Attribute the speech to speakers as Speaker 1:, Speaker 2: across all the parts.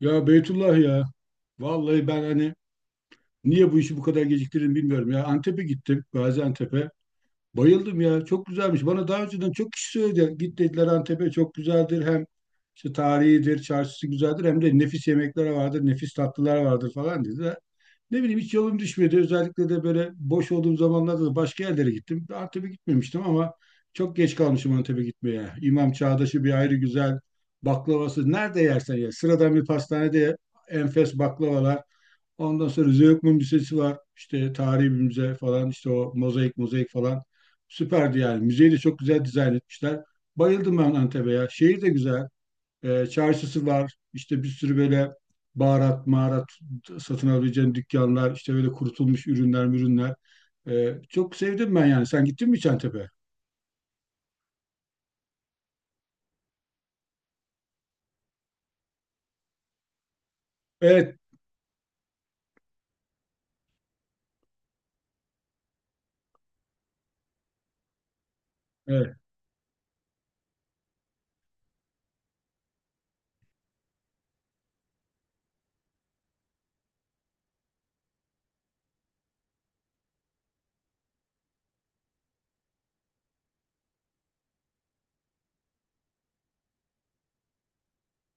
Speaker 1: Ya Beytullah ya. Vallahi ben hani niye bu işi bu kadar geciktirdim bilmiyorum ya. Antep'e gittim, Gaziantep'e. Bayıldım ya. Çok güzelmiş. Bana daha önceden çok kişi söyledi. Git dediler Antep'e çok güzeldir. Hem işte tarihidir, çarşısı güzeldir. Hem de nefis yemekler vardır, nefis tatlılar vardır falan dedi. Ne bileyim hiç yolum düşmedi. Özellikle de böyle boş olduğum zamanlarda da başka yerlere gittim. Antep'e gitmemiştim ama çok geç kalmışım Antep'e gitmeye. İmam Çağdaş'ı bir ayrı güzel baklavası. Nerede yersen ye. Sıradan bir pastanede enfes baklavalar. Ondan sonra Zeugma Müzesi var. İşte tarihi bir müze falan. İşte o mozaik mozaik falan. Süperdi yani. Müzeyi de çok güzel dizayn etmişler. Bayıldım ben Antep'e ya. Şehir de güzel. Çarşısı var. İşte bir sürü böyle baharat, maharat satın alabileceğin dükkanlar, işte böyle kurutulmuş ürünler, ürünler. Çok sevdim ben yani. Sen gittin mi Çantepe? Evet, evet.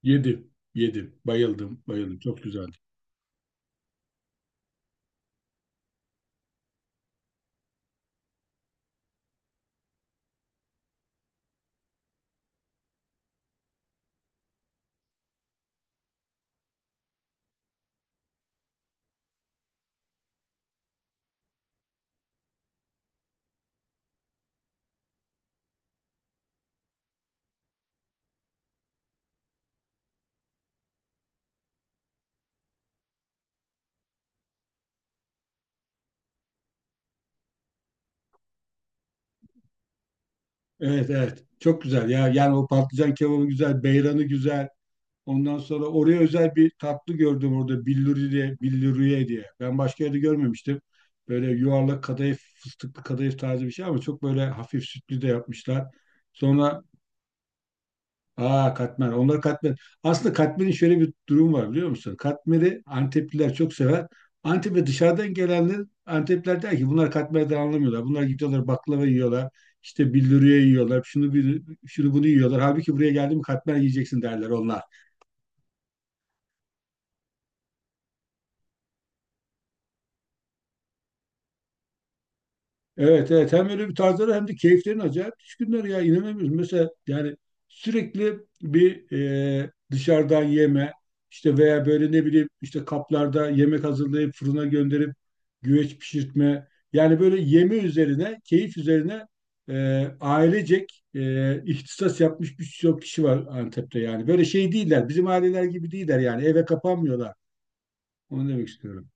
Speaker 1: Yedim, yedim. Bayıldım, bayıldım. Çok güzeldi. Evet, evet. Çok güzel ya. Yani o patlıcan kebabı güzel, beyranı güzel. Ondan sonra oraya özel bir tatlı gördüm orada billuri diye, billuriye diye. Ben başka yerde görmemiştim. Böyle yuvarlak kadayıf, fıstıklı kadayıf tarzı bir şey ama çok böyle hafif sütlü de yapmışlar. Sonra katmer, onlar katmer. Aslında katmerin şöyle bir durum var biliyor musun? Katmeri Antepliler çok sever. Antep ve dışarıdan gelenler, Antepliler der ki bunlar katmerden anlamıyorlar. Bunlar gidiyorlar baklava yiyorlar. İşte billuriye yiyorlar. Şunu bunu yiyorlar. Halbuki buraya geldi mi katmer yiyeceksin derler onlar. Evet, evet, hem öyle bir tarzları hem de keyiflerin acayip düşkünler ya, inanamıyoruz. Mesela yani sürekli bir dışarıdan yeme, işte veya böyle ne bileyim işte kaplarda yemek hazırlayıp fırına gönderip güveç pişirtme. Yani böyle yeme üzerine keyif üzerine e, ailecek ihtisas yapmış birçok kişi var Antep'te yani. Böyle şey değiller, bizim aileler gibi değiller yani, eve kapanmıyorlar. Onu demek istiyorum.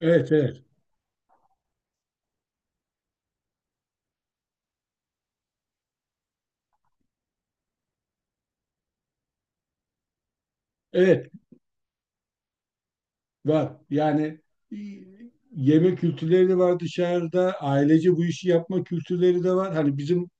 Speaker 1: Evet, evet. Evet. Var. Yani e, yeme kültürleri de var dışarıda. Ailece bu işi yapma kültürleri de var. Hani bizim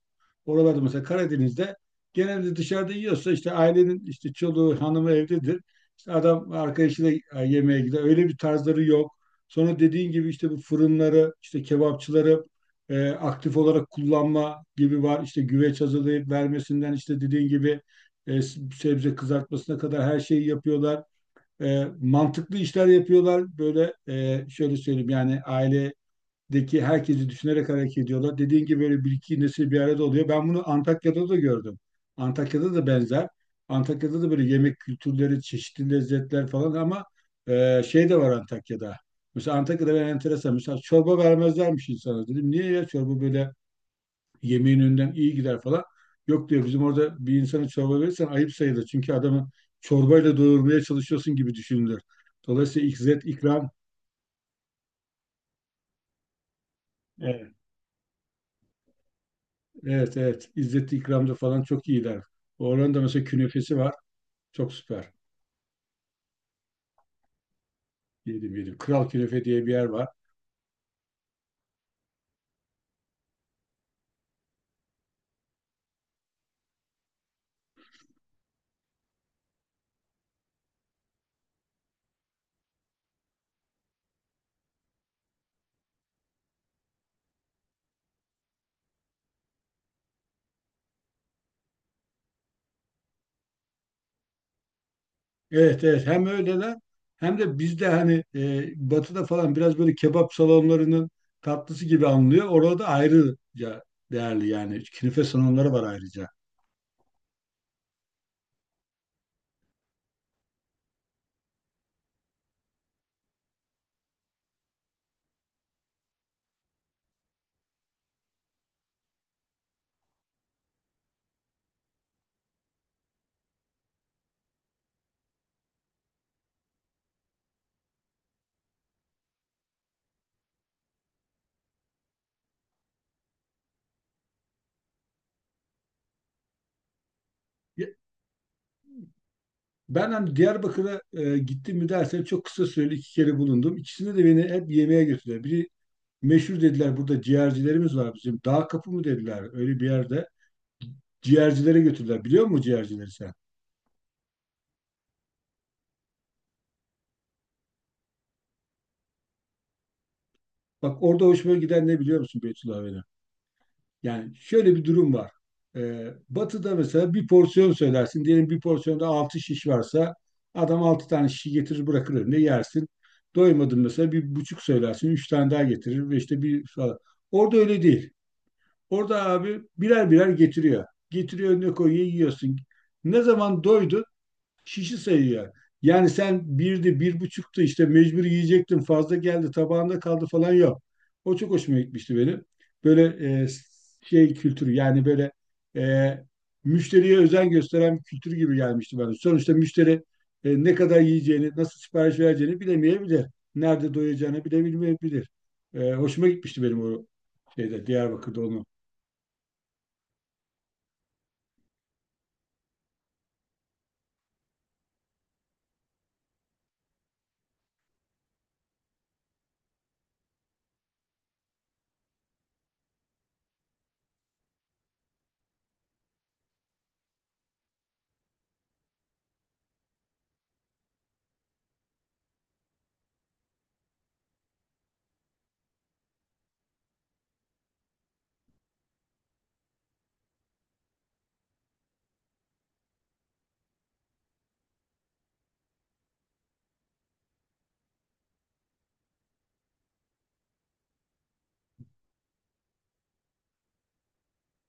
Speaker 1: oralarda mesela Karadeniz'de, genelde dışarıda yiyorsa işte ailenin işte çoluğu, hanımı evdedir. İşte adam arkadaşıyla yemeğe gider. Öyle bir tarzları yok. Sonra dediğin gibi işte bu fırınları, işte kebapçıları aktif olarak kullanma gibi var. İşte güveç hazırlayıp vermesinden işte dediğin gibi e, sebze kızartmasına kadar her şeyi yapıyorlar, mantıklı işler yapıyorlar. Böyle şöyle söyleyeyim yani, ailedeki herkesi düşünerek hareket ediyorlar. Dediğin gibi böyle bir iki nesil bir arada oluyor. Ben bunu Antakya'da da gördüm. Antakya'da da benzer. Antakya'da da böyle yemek kültürleri, çeşitli lezzetler falan ama şey de var Antakya'da. Mesela Antakya'da ben enteresan. Mesela çorba vermezlermiş insana. Dedim niye ya, çorba böyle yemeğin önünden iyi gider falan. Yok diyor, bizim orada bir insana çorba verirsen ayıp sayılır. Çünkü adamı çorbayla doyurmaya çalışıyorsun gibi düşünülür. Dolayısıyla izzet ikram evet, evet, evet. İzzet ikramda falan çok iyiler. Oranın da mesela künefesi var. Çok süper. Yedim, yedim. Kral Künefe diye bir yer var. Evet, evet, hem öyleler hem de bizde hani batıda falan biraz böyle kebap salonlarının tatlısı gibi anılıyor. Orada da ayrıca değerli yani. Künefe salonları var ayrıca. Ya- Ben hani Diyarbakır'a gittim mi dersen çok kısa süreli iki kere bulundum. İkisinde de beni hep yemeğe götürdüler. Biri meşhur dediler, burada ciğercilerimiz var bizim. Dağ kapı mı dediler, öyle bir yerde. Ciğercilere götürdüler. Biliyor musun ciğercileri sen? Bak, orada hoşuma giden ne biliyor musun Beytullah benim? Yani şöyle bir durum var. Batı'da mesela bir porsiyon söylersin. Diyelim bir porsiyonda 6 şiş varsa adam 6 tane şişi getirir bırakır önüne yersin. Doymadın mesela bir buçuk söylersin. Üç tane daha getirir ve işte bir falan. Orada öyle değil. Orada abi birer birer getiriyor. Getiriyor önüne koyuyor yiyorsun. Ne zaman doydun, şişi sayıyor. Yani sen birdi, bir buçuktu işte mecbur yiyecektin, fazla geldi tabağında kaldı falan yok. O çok hoşuma gitmişti benim. Böyle e, şey kültürü yani, böyle e, müşteriye özen gösteren bir kültür gibi gelmişti bana. Sonuçta müşteri ne kadar yiyeceğini, nasıl sipariş vereceğini bilemeyebilir. Nerede doyacağını bilemeyebilir. Hoşuma gitmişti benim o şeyde, Diyarbakır'da olmam.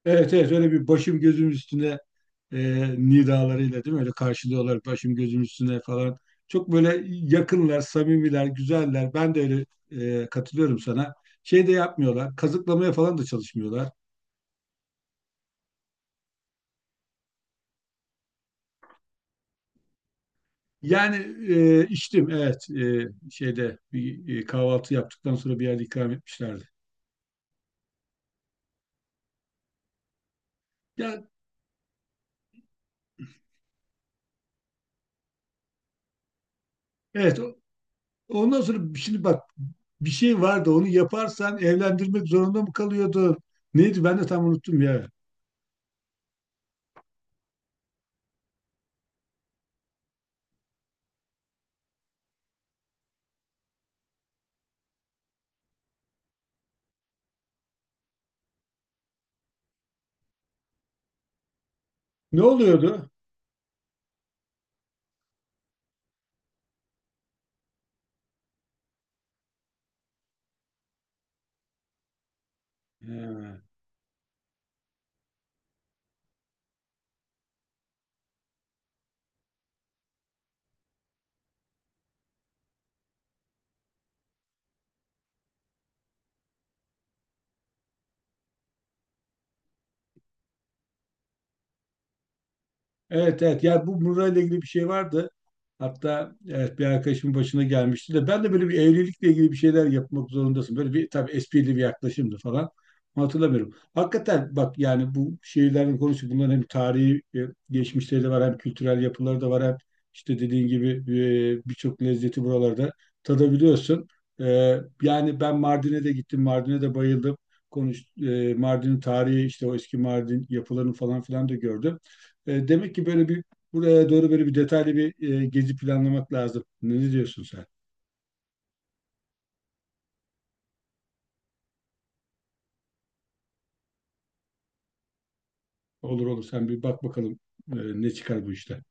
Speaker 1: Evet, evet, öyle bir başım gözüm üstüne e, nidalarıyla değil mi? Öyle karşılıyorlar, başım gözüm üstüne falan. Çok böyle yakınlar, samimiler, güzeller. Ben de öyle katılıyorum sana. Şey de yapmıyorlar, kazıklamaya falan da çalışmıyorlar. Yani içtim evet, şeyde bir kahvaltı yaptıktan sonra bir yerde ikram etmişlerdi. Ya evet ondan sonra şimdi bak, bir şey vardı, onu yaparsan evlendirmek zorunda mı kalıyordun? Neydi, ben de tam unuttum ya. Ne oluyordu? Ha. Evet, evet, yani bu Murra ile ilgili bir şey vardı. Hatta evet bir arkadaşımın başına gelmişti de, ben de böyle bir evlilikle ilgili bir şeyler yapmak zorundasın. Böyle bir tabii esprili bir yaklaşımdı falan. Ama hatırlamıyorum. Hakikaten bak yani, bu şehirlerin konusu bunların hem tarihi geçmişleri de var, hem kültürel yapıları da var, hem işte dediğin gibi birçok lezzeti buralarda tadabiliyorsun. E, Yani ben Mardin'e de gittim. Mardin'e de bayıldım. Konuş, Mardin'in tarihi, işte o eski Mardin yapılarını falan filan da gördüm. Demek ki böyle bir buraya doğru böyle bir detaylı bir gezi planlamak lazım. Ne diyorsun sen? Olur olur, sen bir bak bakalım ne çıkar bu işte.